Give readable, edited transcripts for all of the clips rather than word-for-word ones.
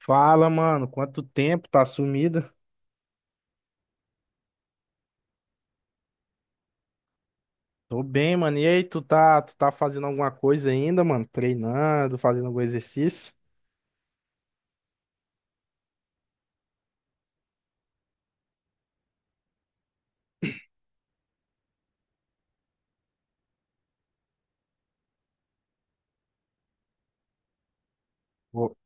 Fala, mano, quanto tempo tá sumido? Tô bem, mano. E aí, tu tá fazendo alguma coisa ainda, mano? Treinando, fazendo algum exercício? Pô,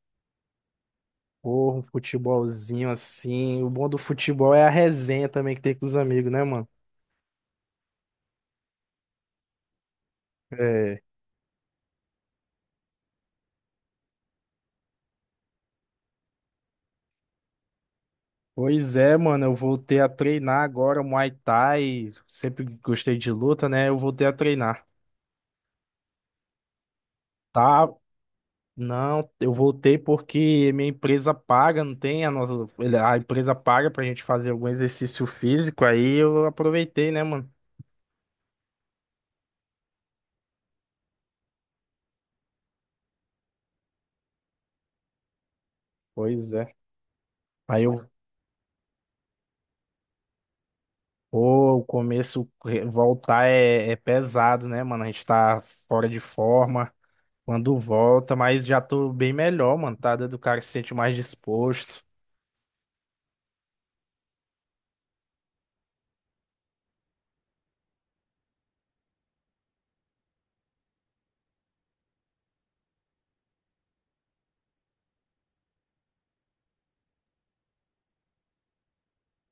porra, um futebolzinho assim. O bom do futebol é a resenha também que tem com os amigos, né, mano? É. Pois é, mano, eu voltei a treinar agora Muay Thai. Sempre gostei de luta, né? Eu voltei a treinar. Tá, não, eu voltei porque minha empresa paga, não tem a nossa, a empresa paga pra gente fazer algum exercício físico, aí eu aproveitei, né, mano? Pois é. Aí eu, pô, o começo, voltar é pesado, né, mano? A gente tá fora de forma quando volta, mas já tô bem melhor, mano, tá? Do cara que se sente mais disposto.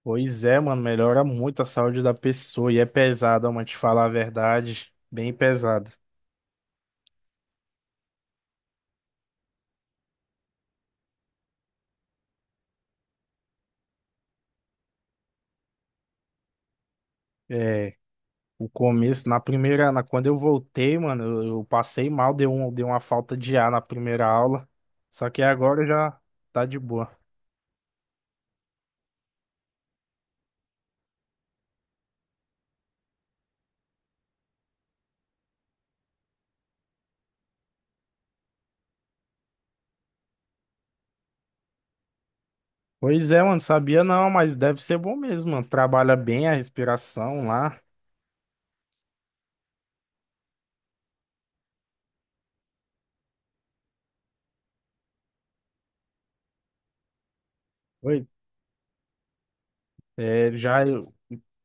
Pois é, mano, melhora muito a saúde da pessoa e é pesado, ó, mano, te falar a verdade, bem pesado. É. O começo, quando eu voltei, mano, eu passei mal, deu uma falta de ar na primeira aula. Só que agora já tá de boa. Pois é, mano, sabia não, mas deve ser bom mesmo, mano. Trabalha bem a respiração lá. Oi. É, já eu,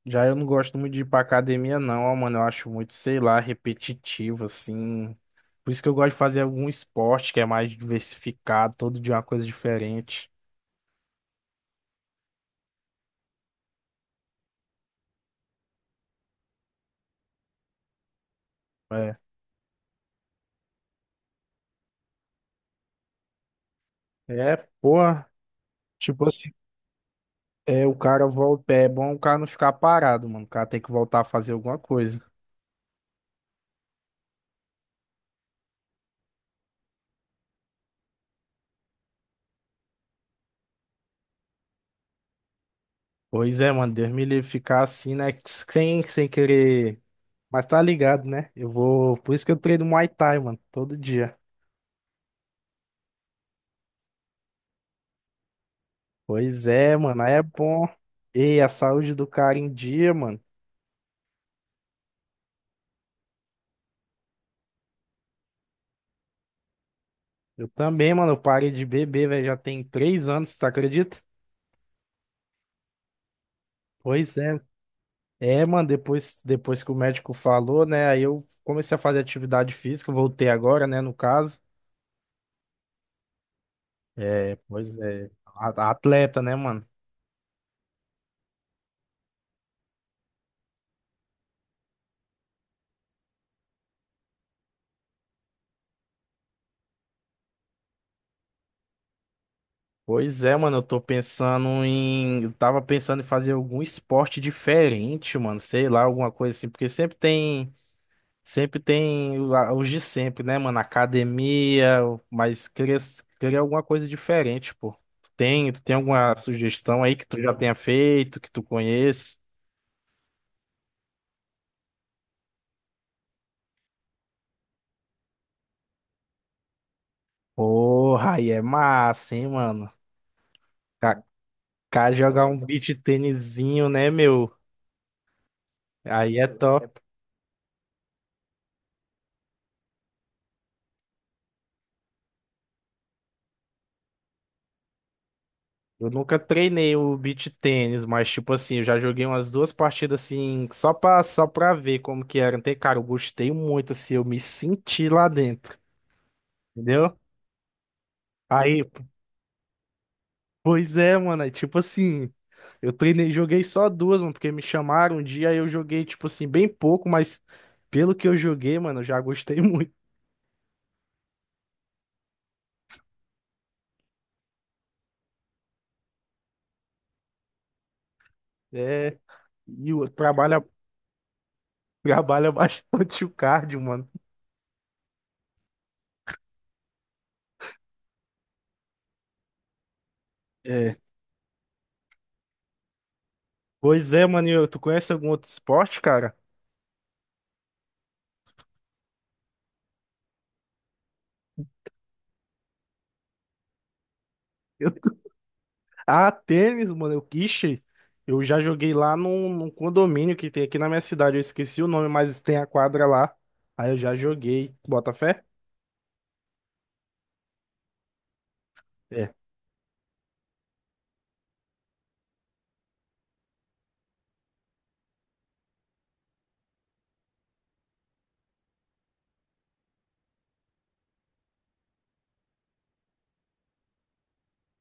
já eu não gosto muito de ir pra academia, não, ó, mano. Eu acho muito, sei lá, repetitivo, assim. Por isso que eu gosto de fazer algum esporte que é mais diversificado, todo dia uma coisa diferente. É, porra. Tipo assim. É, o cara volta. É bom o cara não ficar parado, mano. O cara tem que voltar a fazer alguma coisa. Pois é, mano. Deus me livre ficar assim, né? Sem querer. Mas tá ligado, né? Eu vou. Por isso que eu treino Muay Thai, mano. Todo dia. Pois é, mano. Aí é bom. E a saúde do cara em dia, mano. Eu também, mano. Eu parei de beber, velho. Já tem 3 anos, você acredita? Pois é. É, mano. Depois que o médico falou, né? Aí eu comecei a fazer atividade física. Voltei agora, né? No caso. É, pois é. Atleta, né, mano? Pois é, mano, eu tô pensando em. Eu tava pensando em fazer algum esporte diferente, mano. Sei lá, alguma coisa assim. Porque sempre tem. Sempre tem os de sempre, né, mano? Academia, mas queria, queria alguma coisa diferente, pô. Tu tem alguma sugestão aí que tu já tenha feito, que tu conheça? Porra, aí é massa, hein, mano? Kaká jogar um beach tênisinho, né, meu? Aí é top. Eu nunca treinei o beach tênis, mas tipo assim, eu já joguei umas duas partidas assim, só pra ver como que era. Então, cara, eu gostei muito, assim, eu me senti lá dentro, entendeu? Aí, pois é, mano, aí, tipo assim, eu treinei, joguei só duas, mano, porque me chamaram um dia, aí eu joguei, tipo assim, bem pouco, mas pelo que eu joguei, mano, eu já gostei muito. É, trabalha, trabalha bastante o cardio, mano. É. Pois é, mano, tu conhece algum outro esporte, cara? Eu Ah, tênis, mano. Eu, ixi, eu já joguei lá num condomínio que tem aqui na minha cidade. Eu esqueci o nome, mas tem a quadra lá. Aí eu já joguei. Bota fé? É.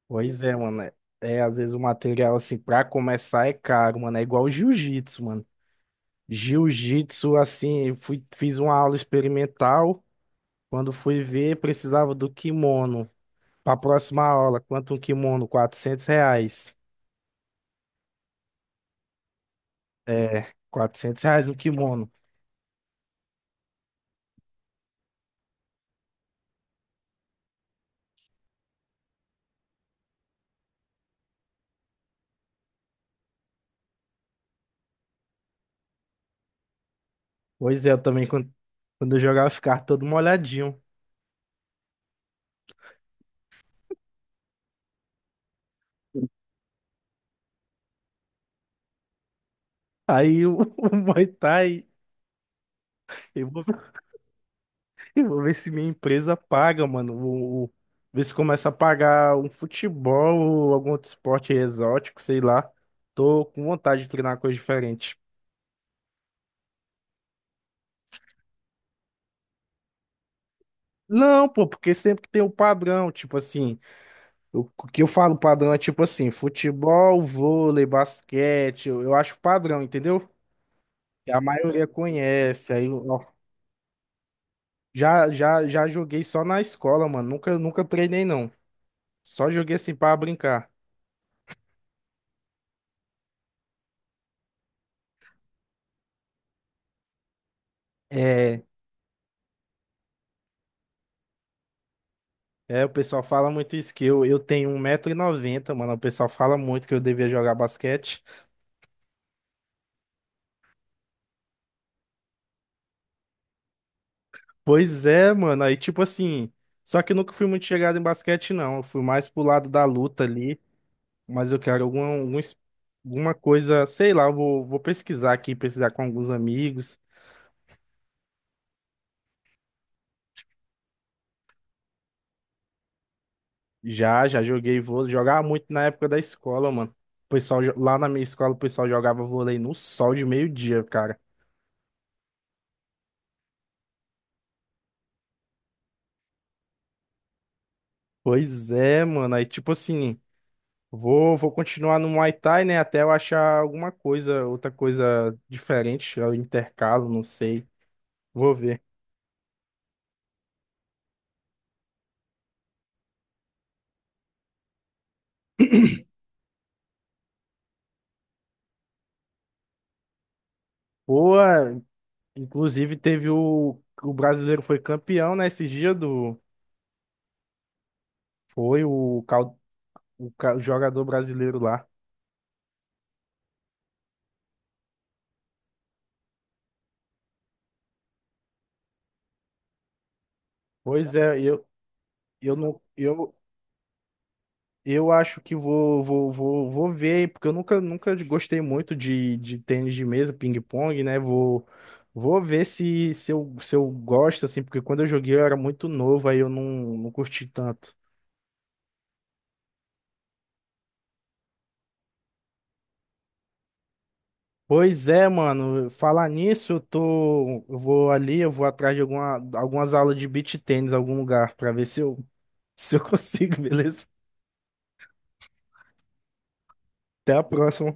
Pois é, mano. É, é, às vezes o material, assim, pra começar é caro, mano. É igual jiu-jitsu, mano. Jiu-jitsu, assim, eu fui, fiz uma aula experimental. Quando fui ver, precisava do quimono. Pra próxima aula, quanto um kimono? 400 reais. É, 400 reais um kimono. Pois é, eu também, quando eu jogava, eu ficava todo molhadinho. Aí o, o Muay Thai, eu vou, eu vou ver se minha empresa paga, mano. Ver se começa a pagar um futebol ou algum outro esporte exótico, sei lá. Tô com vontade de treinar uma coisa diferente. Não, pô, porque sempre que tem o padrão, tipo assim, o que eu falo padrão é tipo assim, futebol, vôlei, basquete, eu acho padrão, entendeu? Que a maioria conhece, aí já joguei só na escola, mano. Nunca treinei, não. Só joguei assim pra brincar. É, é, o pessoal fala muito isso, que eu tenho 1,90 m mano. O pessoal fala muito que eu devia jogar basquete. Pois é, mano. Aí, tipo assim. Só que eu nunca fui muito chegado em basquete, não. Eu fui mais pro lado da luta ali. Mas eu quero alguma coisa, sei lá, eu vou, vou pesquisar aqui, pesquisar com alguns amigos. Já, já joguei vôlei. Jogava muito na época da escola, mano. O pessoal, lá na minha escola, o pessoal jogava vôlei no sol de meio-dia, cara. Pois é, mano. Aí, tipo assim, vou, vou continuar no Muay Thai, né? Até eu achar alguma coisa, outra coisa diferente. Eu intercalo, não sei. Vou ver. Boa, inclusive teve o. O brasileiro foi campeão, né? Esse dia do. Foi o, o jogador brasileiro lá. Pois é, eu não. Eu acho que vou ver, porque eu nunca, nunca gostei muito de tênis de mesa, ping-pong, né? Vou, vou ver se, se eu gosto, assim, porque quando eu joguei eu era muito novo, aí eu não, não curti tanto. Pois é, mano, falar nisso, eu tô, eu vou ali, eu vou atrás de alguma, algumas aulas de beach tênis, algum lugar, pra ver se eu, se eu consigo, beleza? Até a próxima.